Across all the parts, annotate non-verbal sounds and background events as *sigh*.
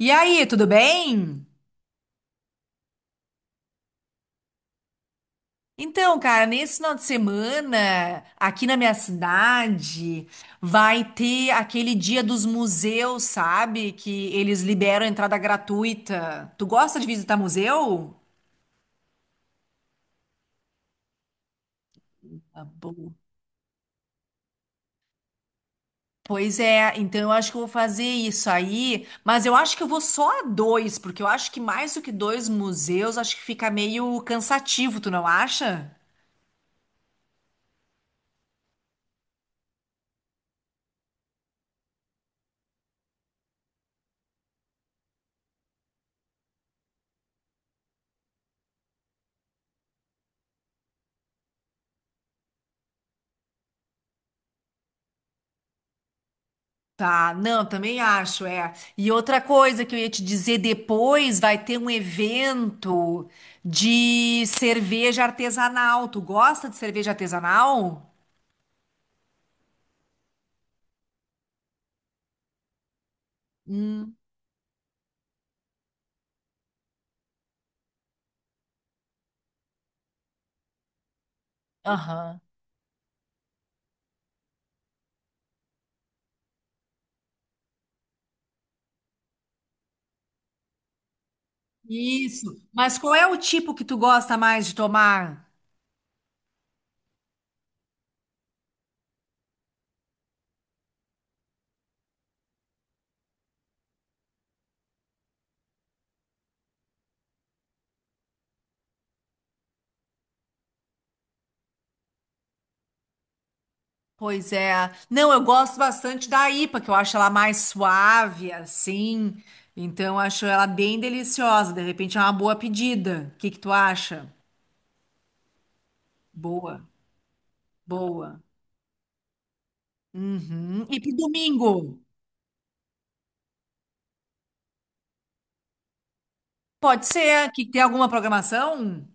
E aí, tudo bem? Então, cara, nesse final de semana, aqui na minha cidade, vai ter aquele dia dos museus, sabe? Que eles liberam entrada gratuita. Tu gosta de visitar museu? Tá bom. Pois é, então eu acho que eu vou fazer isso aí, mas eu acho que eu vou só a dois, porque eu acho que mais do que dois museus, acho que fica meio cansativo, tu não acha? Tá, não, também acho, é. E outra coisa que eu ia te dizer depois, vai ter um evento de cerveja artesanal. Tu gosta de cerveja artesanal? Hum, aham. Isso. Mas qual é o tipo que tu gosta mais de tomar? Pois é. Não, eu gosto bastante da IPA, que eu acho ela mais suave, assim. Então, eu acho ela bem deliciosa. De repente, é uma boa pedida. O que que tu acha? Boa, boa. Uhum. E pro domingo? Pode ser, que tem alguma programação?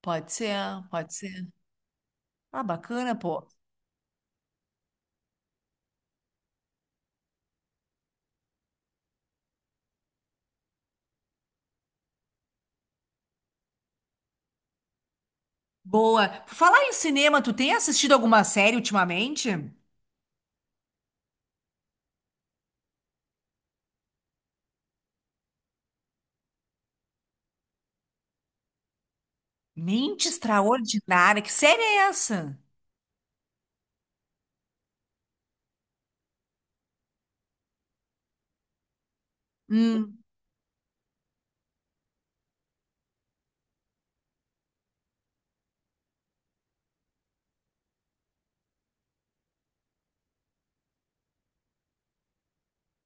Pode ser, pode ser. Ah, bacana, pô. Boa. Por falar em cinema, tu tem assistido alguma série ultimamente? Mente Extraordinária. Que série é essa? Hum.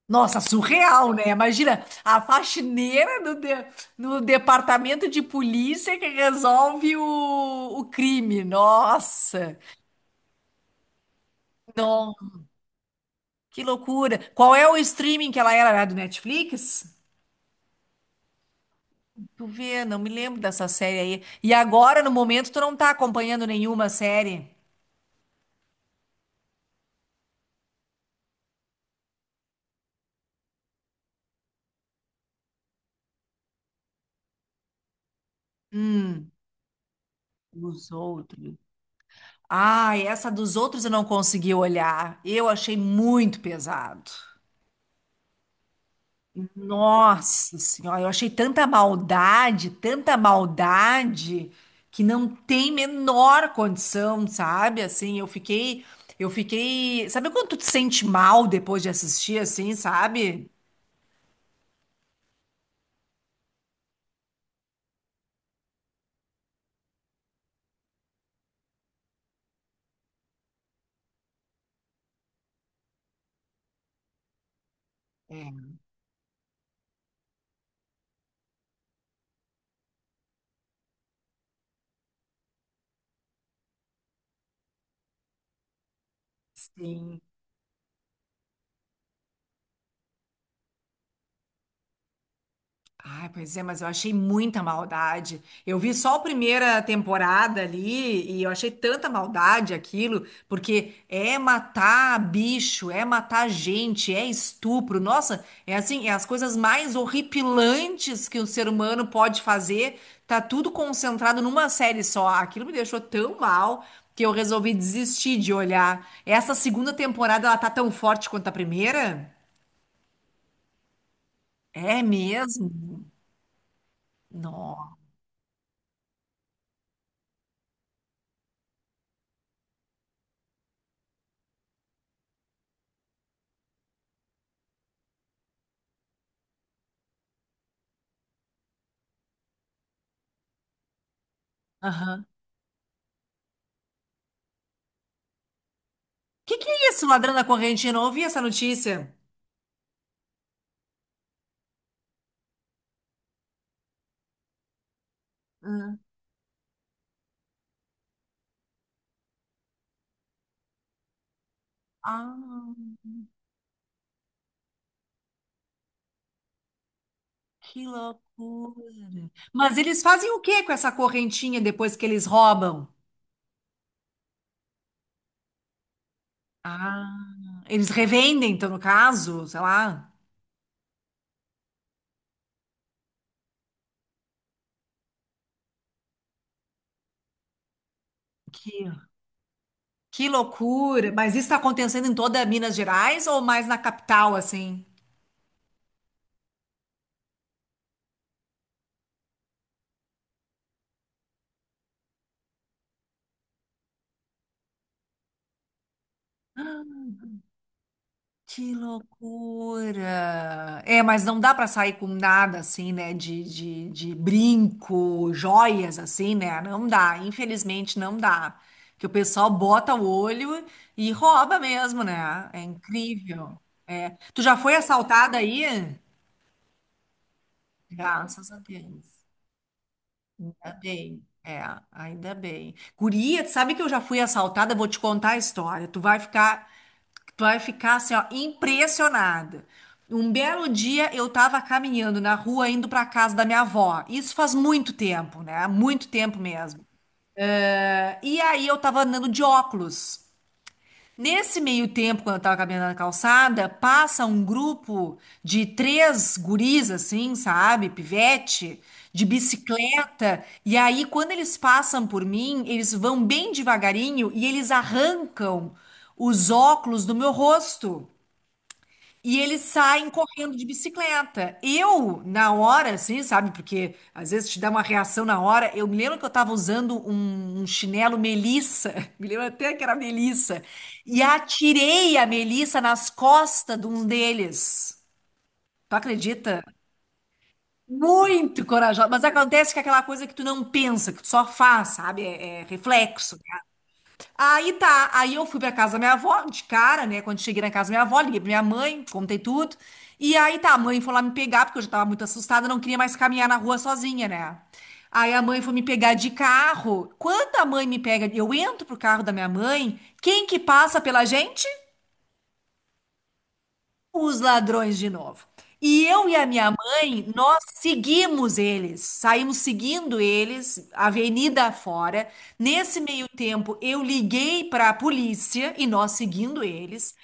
Nossa, surreal, né? Imagina a faxineira no, no departamento de polícia que resolve o crime. Nossa, não, que loucura. Qual é o streaming que ela era? Era do Netflix? Tu vê, não me lembro dessa série aí. E agora, no momento, tu não tá acompanhando nenhuma série? Hum, dos outros. Ah, essa dos outros eu não consegui olhar. Eu achei muito pesado. Nossa Senhora, eu achei tanta maldade, que não tem menor condição, sabe? Assim, eu fiquei. Sabe quando tu te sente mal depois de assistir, assim, sabe? É. Sim. Ai, pois é, mas eu achei muita maldade. Eu vi só a primeira temporada ali e eu achei tanta maldade aquilo, porque é matar bicho, é matar gente, é estupro. Nossa, é assim, é as coisas mais horripilantes que o ser humano pode fazer. Tá tudo concentrado numa série só. Aquilo me deixou tão mal que eu resolvi desistir de olhar. Essa segunda temporada, ela tá tão forte quanto a primeira? É mesmo? Não. Que é isso, ladrão da correntinha? Eu não ouvi essa notícia. Hum. Ah, que loucura. Mas eles fazem o que com essa correntinha depois que eles roubam? Ah, eles revendem, então, no caso, sei lá. Que, que loucura. Mas isso está acontecendo em toda Minas Gerais ou mais na capital, assim? Que loucura! É, mas não dá pra sair com nada assim, né? De brinco, joias assim, né? Não dá, infelizmente não dá. Que o pessoal bota o olho e rouba mesmo, né? É incrível. É. Tu já foi assaltada aí? Graças a Deus. Ainda bem. É, ainda bem. Guria, tu sabe que eu já fui assaltada? Vou te contar a história. Tu vai ficar, tu vai ficar assim, ó, impressionada. Um belo dia eu tava caminhando na rua indo pra casa da minha avó. Isso faz muito tempo, né? Muito tempo mesmo. E aí eu tava andando de óculos. Nesse meio tempo, quando eu tava caminhando na calçada, passa um grupo de três guris, assim, sabe? Pivete, de bicicleta. E aí, quando eles passam por mim, eles vão bem devagarinho e eles arrancam os óculos do meu rosto. E eles saem correndo de bicicleta. Eu, na hora, assim, sabe? Porque às vezes te dá uma reação na hora. Eu me lembro que eu estava usando um chinelo Melissa, *laughs* me lembro até que era Melissa, e atirei a Melissa nas costas de um deles. Tu acredita? Muito corajosa. Mas acontece que é aquela coisa que tu não pensa, que tu só faz, sabe? É, é reflexo. Aí tá, aí eu fui pra casa da minha avó, de cara, né? Quando cheguei na casa da minha avó, liguei pra minha mãe, contei tudo. E aí tá, a mãe foi lá me pegar, porque eu já tava muito assustada, não queria mais caminhar na rua sozinha, né? Aí a mãe foi me pegar de carro. Quando a mãe me pega, eu entro pro carro da minha mãe, quem que passa pela gente? Os ladrões de novo. E eu e a minha mãe, nós seguimos eles, saímos seguindo eles, avenida afora. Nesse meio tempo, eu liguei para a polícia e nós seguindo eles.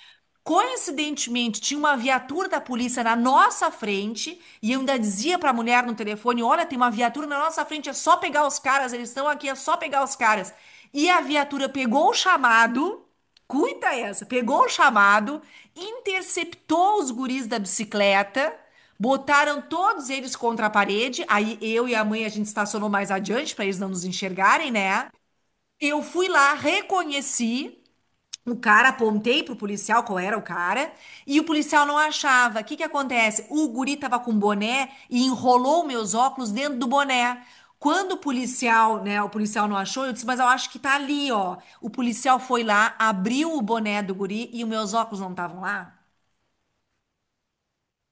Coincidentemente, tinha uma viatura da polícia na nossa frente e eu ainda dizia para a mulher no telefone: Olha, tem uma viatura na nossa frente, é só pegar os caras, eles estão aqui, é só pegar os caras. E a viatura pegou o chamado. Cuita essa. Pegou o chamado, interceptou os guris da bicicleta, botaram todos eles contra a parede. Aí eu e a mãe a gente estacionou mais adiante para eles não nos enxergarem, né? Eu fui lá, reconheci. O cara, apontei pro policial qual era o cara, e o policial não achava. O que que acontece? O guri tava com boné e enrolou meus óculos dentro do boné. Quando o policial, né, o policial não achou, eu disse, mas eu acho que tá ali, ó. O policial foi lá, abriu o boné do guri e os meus óculos não estavam lá.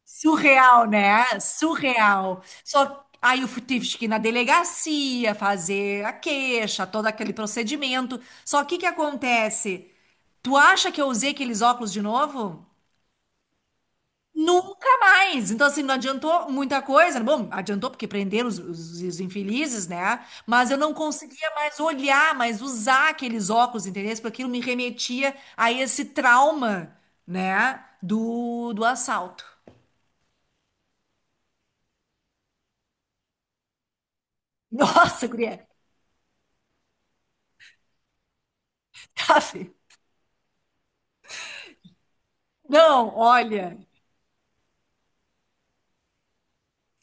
Surreal, né? Surreal. Só aí eu fui- Tive que ir na delegacia fazer a queixa, todo aquele procedimento. Só que o que acontece? Tu acha que eu usei aqueles óculos de novo? Nunca mais. Então, assim, não adiantou muita coisa. Bom, adiantou porque prenderam os, os infelizes, né? Mas eu não conseguia mais olhar, mais usar aqueles óculos, entendeu? Porque aquilo me remetia a esse trauma, né? Do assalto. *laughs* Nossa, guria. Aff, não, olha.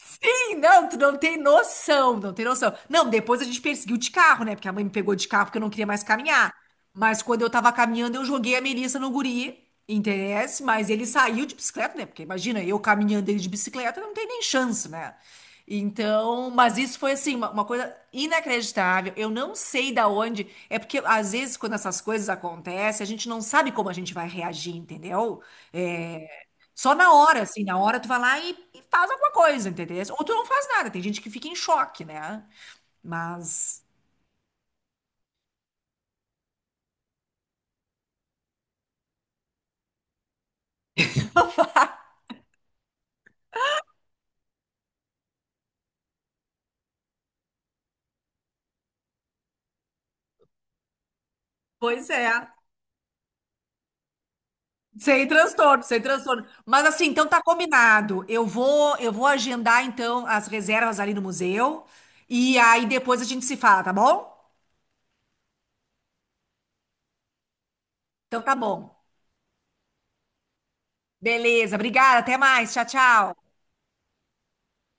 Sim, não, tu não tem noção, não tem noção. Não, depois a gente perseguiu de carro, né? Porque a mãe me pegou de carro porque eu não queria mais caminhar. Mas quando eu tava caminhando, eu joguei a Melissa no guri, interesse, mas ele saiu de bicicleta, né? Porque imagina, eu caminhando ele de bicicleta, não tem nem chance, né? Então, mas isso foi assim, uma coisa inacreditável. Eu não sei da onde. É porque às vezes, quando essas coisas acontecem, a gente não sabe como a gente vai reagir, entendeu? É, só na hora, assim, na hora tu vai lá e faz alguma coisa, entendeu? Ou tu não faz nada, tem gente que fica em choque, né? Mas, pois é, sem transtorno, sem transtorno. Mas assim, então tá combinado. Eu vou agendar então as reservas ali no museu e aí depois a gente se fala, tá bom? Então tá bom. Beleza, obrigada, até mais, tchau, tchau.